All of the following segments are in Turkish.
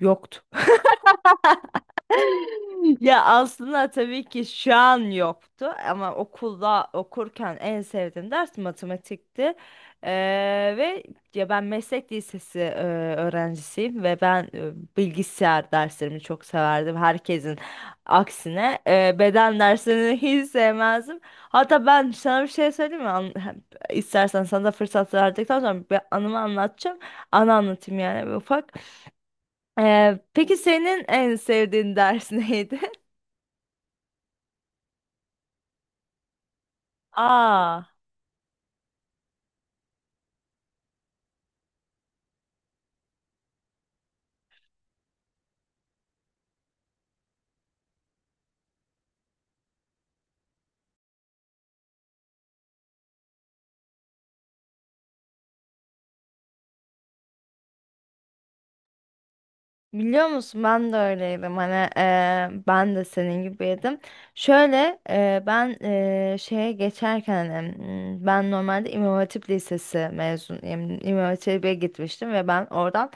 Yoktu. Ya aslında tabii ki şu an yoktu ama okulda okurken en sevdiğim ders matematikti. Ve ya ben meslek lisesi öğrencisiyim ve ben bilgisayar derslerimi çok severdim. Herkesin aksine beden derslerini hiç sevmezdim. Hatta ben sana bir şey söyleyeyim mi? İstersen sana da fırsat verdikten sonra bir anımı anlatacağım. Anı anlatayım yani bir ufak. Peki senin en sevdiğin ders neydi? Aa, biliyor musun ben de öyleydim hani ben de senin gibiydim. Şöyle ben şeye geçerken hani, ben normalde İmam Hatip Lisesi mezunuyum. İmam Hatip'e gitmiştim ve ben oradan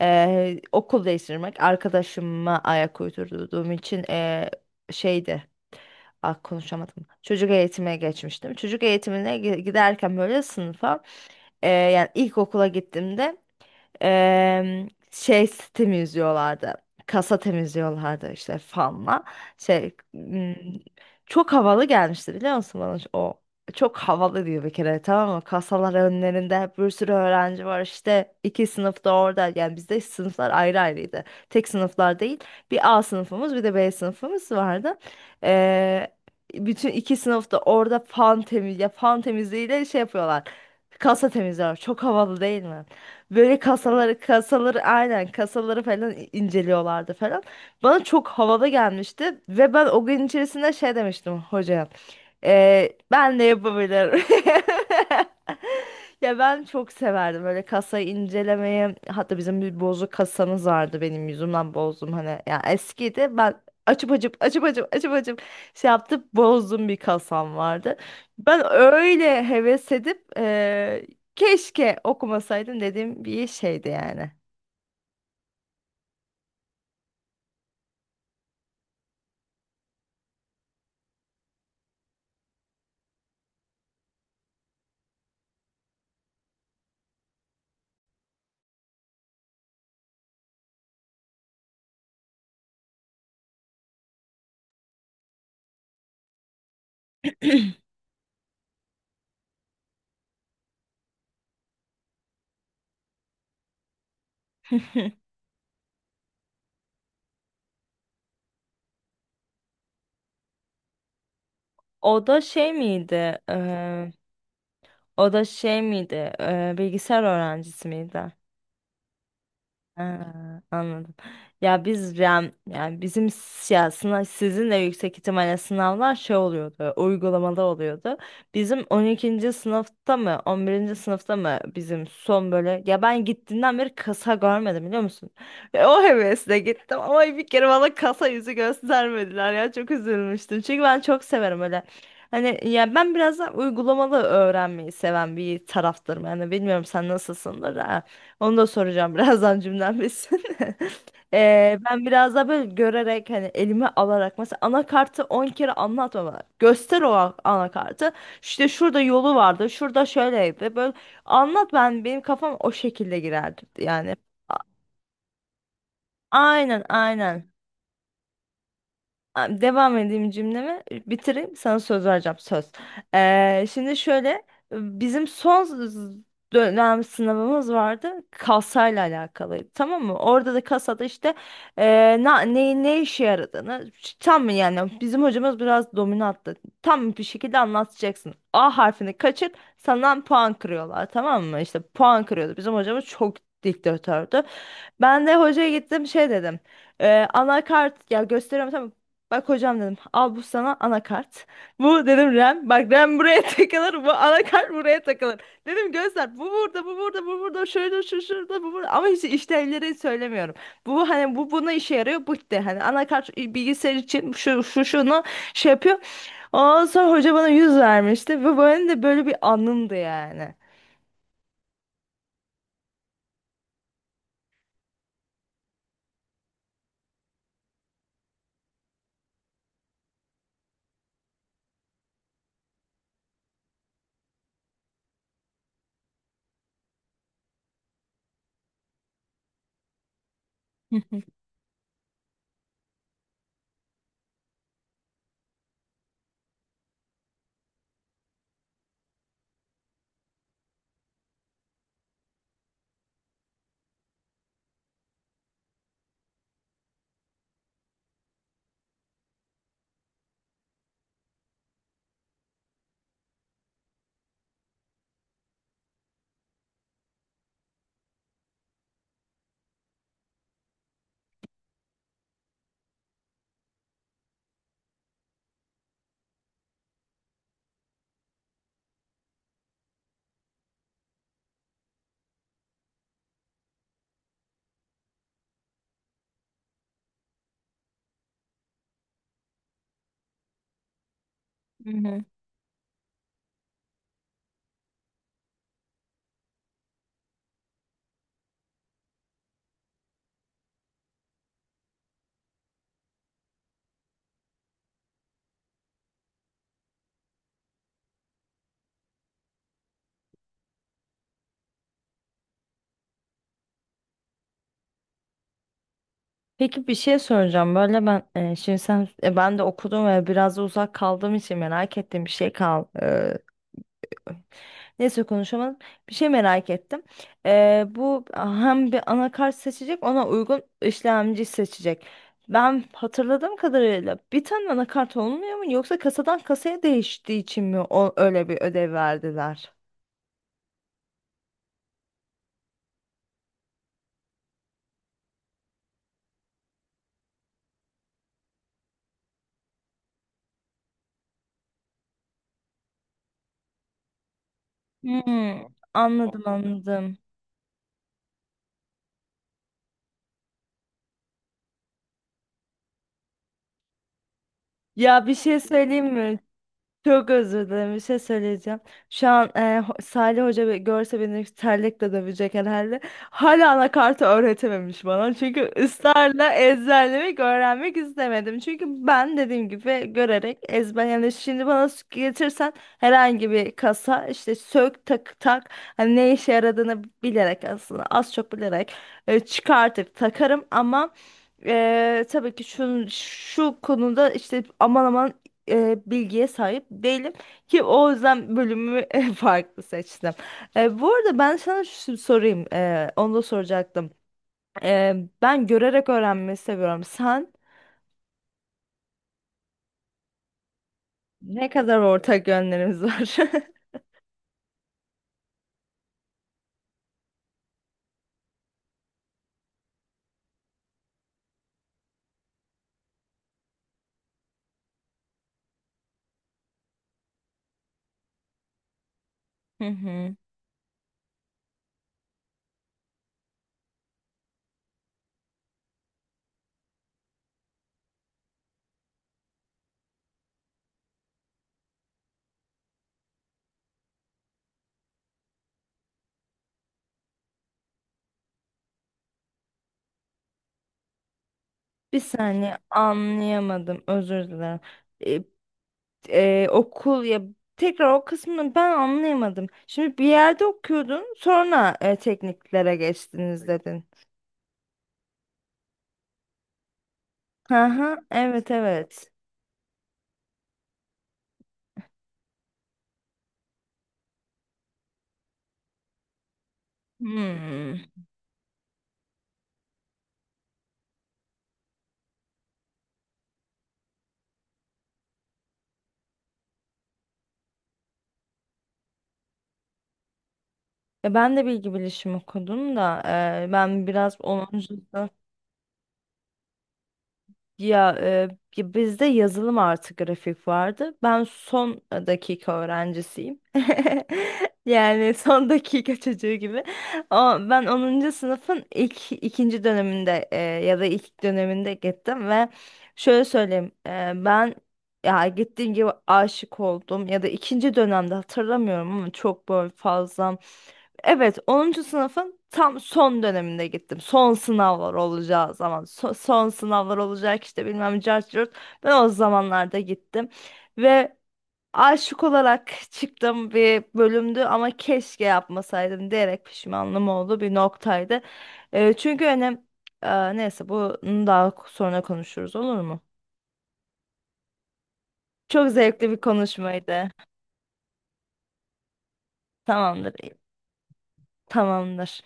okul değiştirmek arkadaşıma ayak uydurduğum için şeydi. Ah, konuşamadım. Çocuk eğitimine geçmiştim. Çocuk eğitimine giderken böyle sınıfa yani ilkokula gittiğimde şey temizliyorlardı. Kasa temizliyorlardı işte fanla. Şey m, Çok havalı gelmişti biliyor musun bana o. Çok havalı diyor bir kere tamam mı? Kasalar önlerinde hep bir sürü öğrenci var işte iki sınıfta orada yani bizde sınıflar ayrı ayrıydı. Tek sınıflar değil, bir A sınıfımız bir de B sınıfımız vardı. Ee, Bütün iki sınıfta orada fan temizliğiyle şey yapıyorlar. Kasa temizliyorlar. Çok havalı değil mi? Böyle kasaları aynen kasaları falan inceliyorlardı falan. Bana çok havalı gelmişti ve ben o gün içerisinde şey demiştim hocaya. "Ben de yapabilirim. Ya ben çok severdim böyle kasayı incelemeyi. Hatta bizim bir bozuk kasamız vardı benim yüzümden bozdum hani. Ya eskiydi ben açıp açıp açıp açıp açıp açıp şey yaptım bozdum bir kasam vardı. Ben öyle heves edip keşke okumasaydım dediğim bir şeydi yani. O da şey miydi? Eee, O da şey miydi? Bilgisayar öğrencisi miydi? Ha, anladım. Ya biz yani, bizim ya sınav, sizin de yüksek ihtimalle sınavlar şey oluyordu, uygulamada oluyordu. Bizim 12. sınıfta mı, 11. sınıfta mı bizim son böyle ya ben gittiğinden beri kasa görmedim biliyor musun? Ve o hevesle gittim ama bir kere bana kasa yüzü göstermediler ya çok üzülmüştüm. Çünkü ben çok severim öyle. Hani ya ben biraz da uygulamalı öğrenmeyi seven bir taraftarım. Yani bilmiyorum sen nasılsındır. Onu da soracağım birazdan cümlem bitsin. Ben biraz daha böyle görerek hani elime alarak mesela anakartı 10 kere anlatma bana. Göster o anakartı. İşte şurada yolu vardı. Şurada şöyleydi. Böyle anlat ben benim kafam o şekilde girerdi yani. A- Aynen aynen. Devam edeyim cümlemi bitireyim sana söz vereceğim söz. Şimdi şöyle bizim son dönem sınavımız vardı kasayla alakalıydı tamam mı? Orada da kasada işte ne işe yaradığını tam mı yani bizim hocamız biraz dominanttı. Tam bir şekilde anlatacaksın. A harfini kaçır senden puan kırıyorlar tamam mı? İşte puan kırıyordu bizim hocamız çok diktatördü. Ben de hocaya gittim şey dedim. Anakart ya gösteriyorum tamam. Bak hocam dedim al bu sana anakart. Bu dedim RAM. Bak RAM buraya takılır. Bu anakart buraya takılır. Dedim gözler bu burada bu burada bu burada şöyle şu şurada bu burada. Ama hiç işlevleri söylemiyorum. Bu hani bu buna işe yarıyor. Bu de hani anakart bilgisayar için şu şu şunu şey yapıyor. Ondan sonra hoca bana yüz vermişti. Ve benim de böyle bir anımdı yani. Hı hı. Hı hı. Peki bir şey soracağım. Böyle ben şimdi sen ben de okudum ve biraz da uzak kaldığım için merak ettiğim bir şey kal. Neyse konuşamadım. Bir şey merak ettim. Bu hem bir anakart seçecek ona uygun işlemci seçecek. Ben hatırladığım kadarıyla bir tane anakart olmuyor mu yoksa kasadan kasaya değiştiği için mi o, öyle bir ödev verdiler? Hmm, anladım anladım. Ya bir şey söyleyeyim mi? Çok özür dilerim bir şey söyleyeceğim. Şu an Salih Hoca görse beni terlikle dövecek herhalde. Hala anakartı öğretememiş bana. Çünkü ısrarla ezberlemek öğrenmek istemedim. Çünkü ben dediğim gibi görerek ezber yani şimdi bana getirsen herhangi bir kasa işte sök tak tak hani ne işe yaradığını bilerek aslında az çok bilerek çıkartıp takarım ama tabii ki şu konuda işte aman aman bilgiye sahip değilim ki o yüzden bölümü farklı seçtim. Bu arada ben sana şu sorayım, onu da soracaktım. E, Ben görerek öğrenmeyi seviyorum. Sen ne kadar ortak yönlerimiz var? Hı hı. Bir saniye anlayamadım, özür dilerim. E, Okul ya tekrar o kısmını ben anlayamadım. Şimdi bir yerde okuyordun, sonra tekniklere geçtiniz dedin. Hı hı, evet evet. Hmm. Ya ben de bilgi bilişim okudum da ben biraz 10. sınıf- ya, e, ya bizde yazılım artı grafik vardı. Ben son dakika öğrencisiyim. Yani son dakika çocuğu gibi. O, Ben 10. sınıfın ilk ikinci döneminde ya da ilk döneminde gittim ve şöyle söyleyeyim ben ya gittiğim gibi aşık oldum ya da ikinci dönemde hatırlamıyorum ama çok böyle fazla. Evet, 10. sınıfın tam son döneminde gittim. Son sınavlar olacağı zaman, son sınavlar olacak işte bilmem cart curt. Ben o zamanlarda gittim ve aşık olarak çıktığım bir bölümdü ama keşke yapmasaydım diyerek pişmanlığım oldu bir noktaydı. Çünkü önem Neyse bunu daha sonra konuşuruz olur mu? Çok zevkli bir konuşmaydı. Tamamdır. Tamamdır.